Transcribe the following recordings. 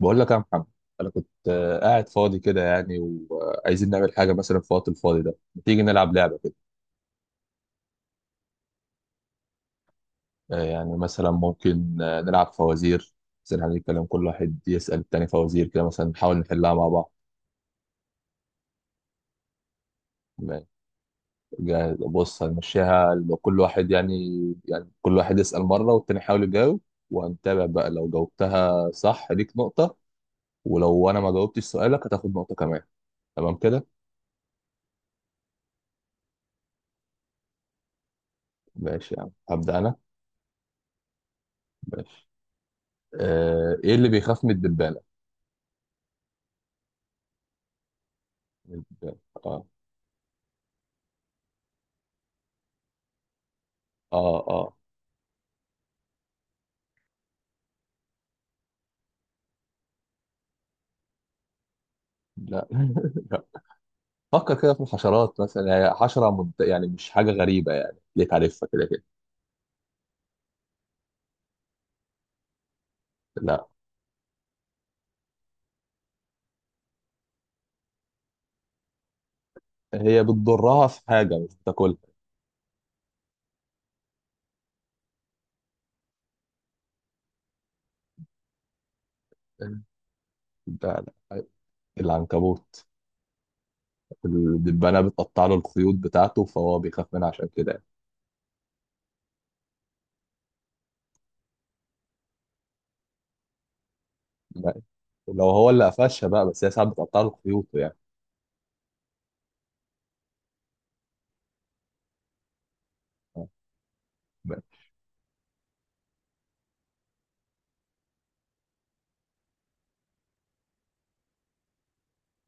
بقول لك يا محمد، انا كنت قاعد فاضي كده يعني. وعايزين نعمل حاجه مثلا في الوقت الفاضي ده، ما تيجي نلعب لعبه كده؟ يعني مثلا ممكن نلعب فوازير. مثلا هنتكلم، كل واحد يسال التاني فوازير كده، مثلا نحاول نحلها مع بعض. ما- بص، هنمشيها لو كل واحد يعني، يعني كل واحد يسال مره والتاني يحاول يجاوب. وهنتابع بقى، لو جاوبتها صح ليك نقطه، ولو انا ما جاوبتش سؤالك هتاخد نقطه كمان. تمام كده؟ ماشي يا عم، هبدا انا. ماشي. ايه اللي بيخاف من الدبان؟ اه اه. اه. لا، لا. فكر كده في الحشرات، مثلا هي حشرة يعني مش حاجة غريبة، يعني ليك عارفها كده كده. لا. هي بتضرها في حاجة، مش بتاكلها. لا. لا. العنكبوت. الدبانة بتقطع له الخيوط بتاعته، فهو بيخاف منها عشان كده يعني. لا. لو هو اللي قفشها بقى، بس هي ساعات بتقطع له خيوطه يعني. آه.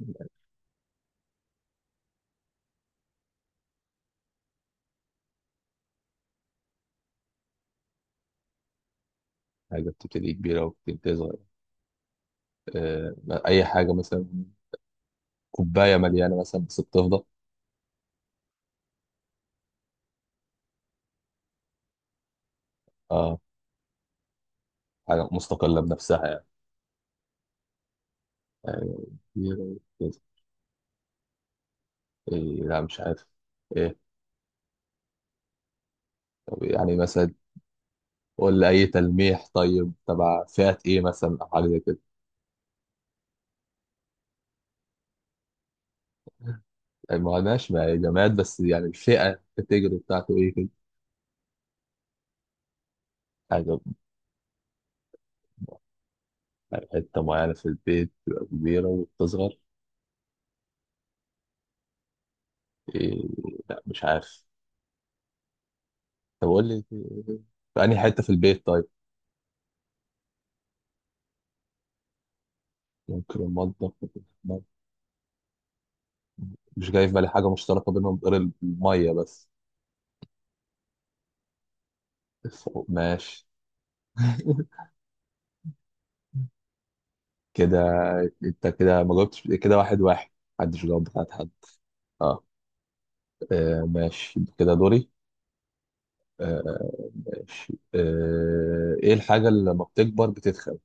لا. حاجة بتبتدي كبيرة وبتنتهي صغيرة. آه. أي حاجة مثلا؟ كوباية مليانة مثلا بس بتفضى. اه. حاجة مستقلة بنفسها يعني. آه، كبيرة كده. إيه؟ لا مش عارف. إيه؟ طب يعني مثلا، قول لي أي تلميح طيب. تبع فئة إيه مثلا، أو حاجة زي كده؟ يعني ما هناش مع جماد، بس يعني الفئة الكاتيجوري بتاعته إيه كده؟ حاجة. يعني حتة معينة في البيت تبقى كبيرة وبتصغر. إيه؟ لا مش عارف. طب قول لي، في أنهي حتة في البيت طيب؟ ممكن المطبخ ممكن الحمام. مش جاي في بالي حاجة مشتركة بينهم غير المية بس. الفوق، ماشي. كده. انت كده ما جاوبتش، كده واحد واحد. محدش جاوب بتاعت حد. اه. ماشي كده دوري. آه، ماشي. ايه الحاجة اللي لما بتكبر بتتخن؟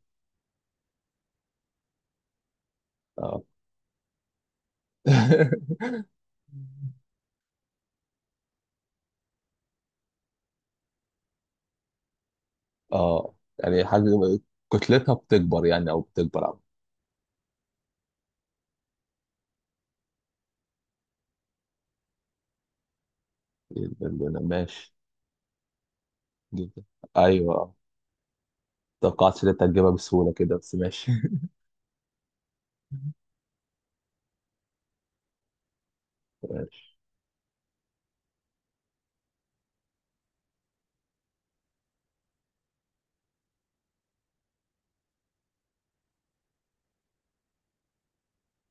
اه. اه يعني حاجة كتلتها بتكبر يعني، او بتكبر عم. ماشي. جدا. ايوه آه. توقعتش ان انت هتجيبها بسهولة كده، بس ماشي. ماشي.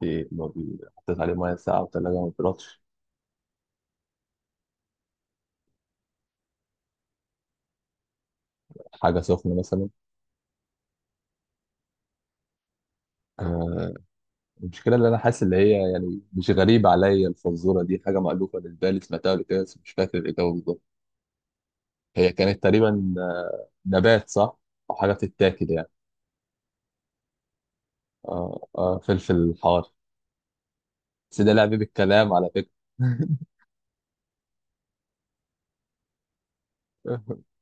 ايه، ما بي- حطيت عليه ميه ساقعة وتلاجة ما بيرطش. حاجة سخنة مثلا. آه، المشكلة اللي أنا حاسس، اللي هي يعني مش غريبة عليا، الفزورة دي حاجة مألوفة بالنسبة لي، سمعتها قبل كده بس مش فاكر الإجابة بالظبط. هي كانت تقريبا نبات صح؟ أو حاجة بتتاكل يعني. فلفل حار. بس ده لعب بالكلام على فكرة.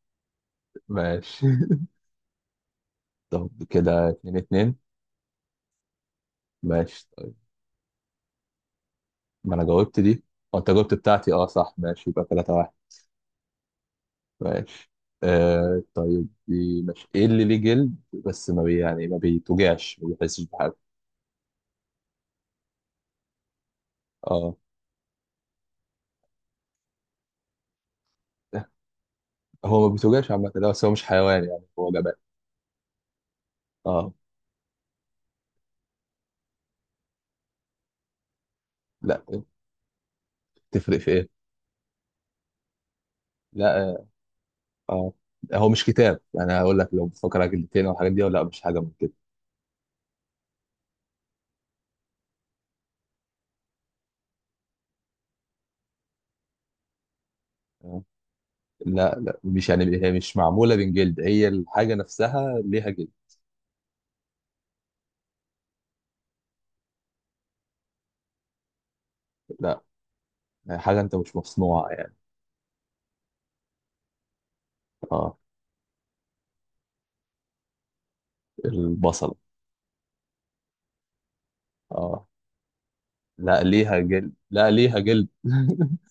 ماشي. طب كده اتنين اتنين. ماشي طيب. ما أنا جاوبت دي، أو أنت جاوبت بتاعتي. أه صح، ماشي يبقى تلاتة واحد. ماشي. طيب دي ماشي. إيه اللي ليه جلد بس ما بي يعني ما بيتوجعش، ما بيحسش بحاجة؟ أه. هو ما بيتوجعش عامة لا، بس هو مش حيوان يعني، هو جبان. اه. لا. تفرق في ايه؟ لا اه. آه. هو مش كتاب يعني هقول لك لو بتفكر على جلدتين او الحاجات دي، ولا مش حاجة من كده. آه. لا لا مش يعني، هي مش معمولة من جلد، هي الحاجة نفسها ليها جلد. لا هي حاجة انت مش مصنوعة يعني. اه. البصلة. اه. لا ليها جلد، لا ليها جلد.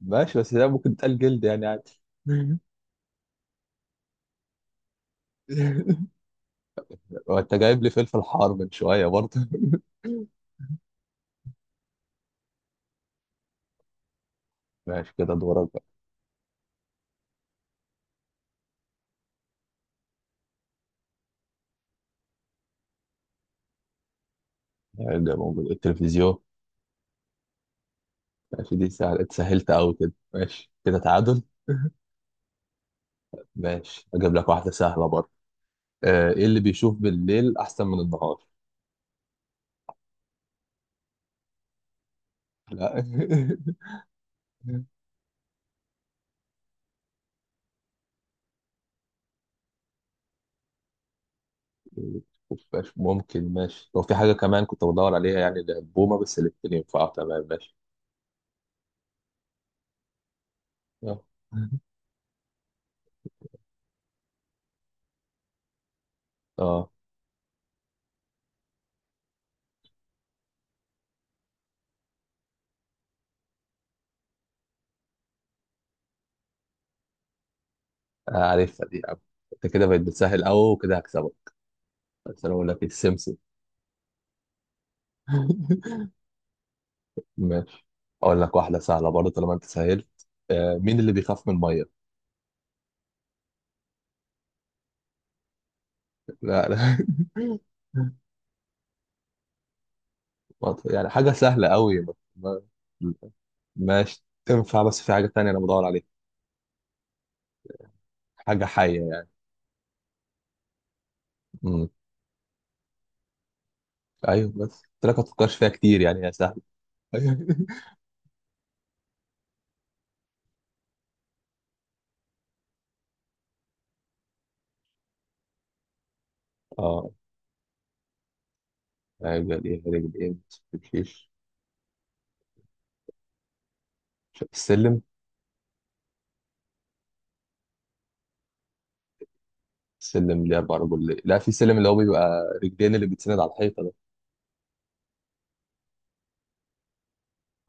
ماشي بس ده ممكن تقال جلد يعني عادي. وانت جايب لي فلفل حار من شوية برضه. ماشي كده دورك. هيرجع موجود التلفزيون. ماشي دي سهلة، اتسهلت أوي كده، ماشي كده تعادل. ماشي أجيب لك واحدة سهلة برضه. إيه اللي بيشوف بالليل أحسن من النهار؟ لا. ماشي ممكن، ماشي لو في حاجة كمان كنت بدور عليها يعني البومة، بس الاتنين ينفعوا تمام ماشي. اه. آه، عارفها دي يا عم. انت كده بقت بتسهل أوي، وكده هكسبك. بس أنا أقول لك إيه، السمسم. ماشي. أقول لك واحدة سهلة برضه طالما أنت سهلت. مين اللي بيخاف من المية؟ لا لا. ما ت- يعني حاجة سهلة قوي. ماشي تنفع، بس في حاجة تانية أنا بدور عليها. حاجة حية يعني. مم. أيوه، بس قلت لك ما تفكرش فيها كتير، يعني هي سهلة. اه. رجل إيه، رجل إيه ما تمشيش. السلم. السلم ليه أربع رجل، لا في سلم اللي هو بيبقى رجلين اللي بيتسند على الحيطة ده.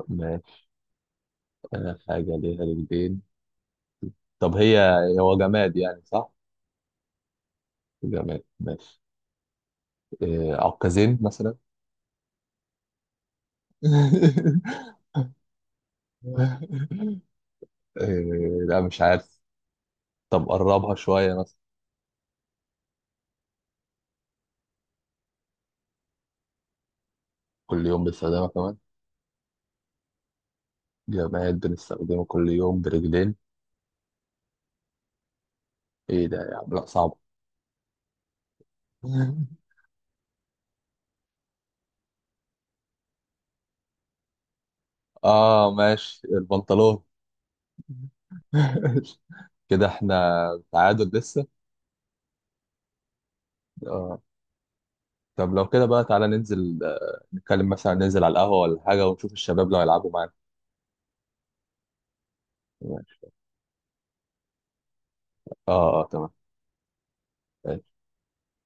ماشي. حاجة ليها رجلين. طب هي، هو جماد يعني صح؟ جماد ماشي. عكازين مثلا. إيه، لا مش عارف. طب قربها شوية مثلا. كل يوم بنستخدمها كمان. جماد بنستخدمها كل يوم برجلين. ايه ده يا عم، لا صعب. اه ماشي، البنطلون. كده احنا تعادل لسه. اه. طب لو كده بقى تعالى ننزل، نتكلم مثلا ننزل على القهوة ولا حاجة، ونشوف الشباب لو هيلعبوا معانا. ماشي. اه اه تمام.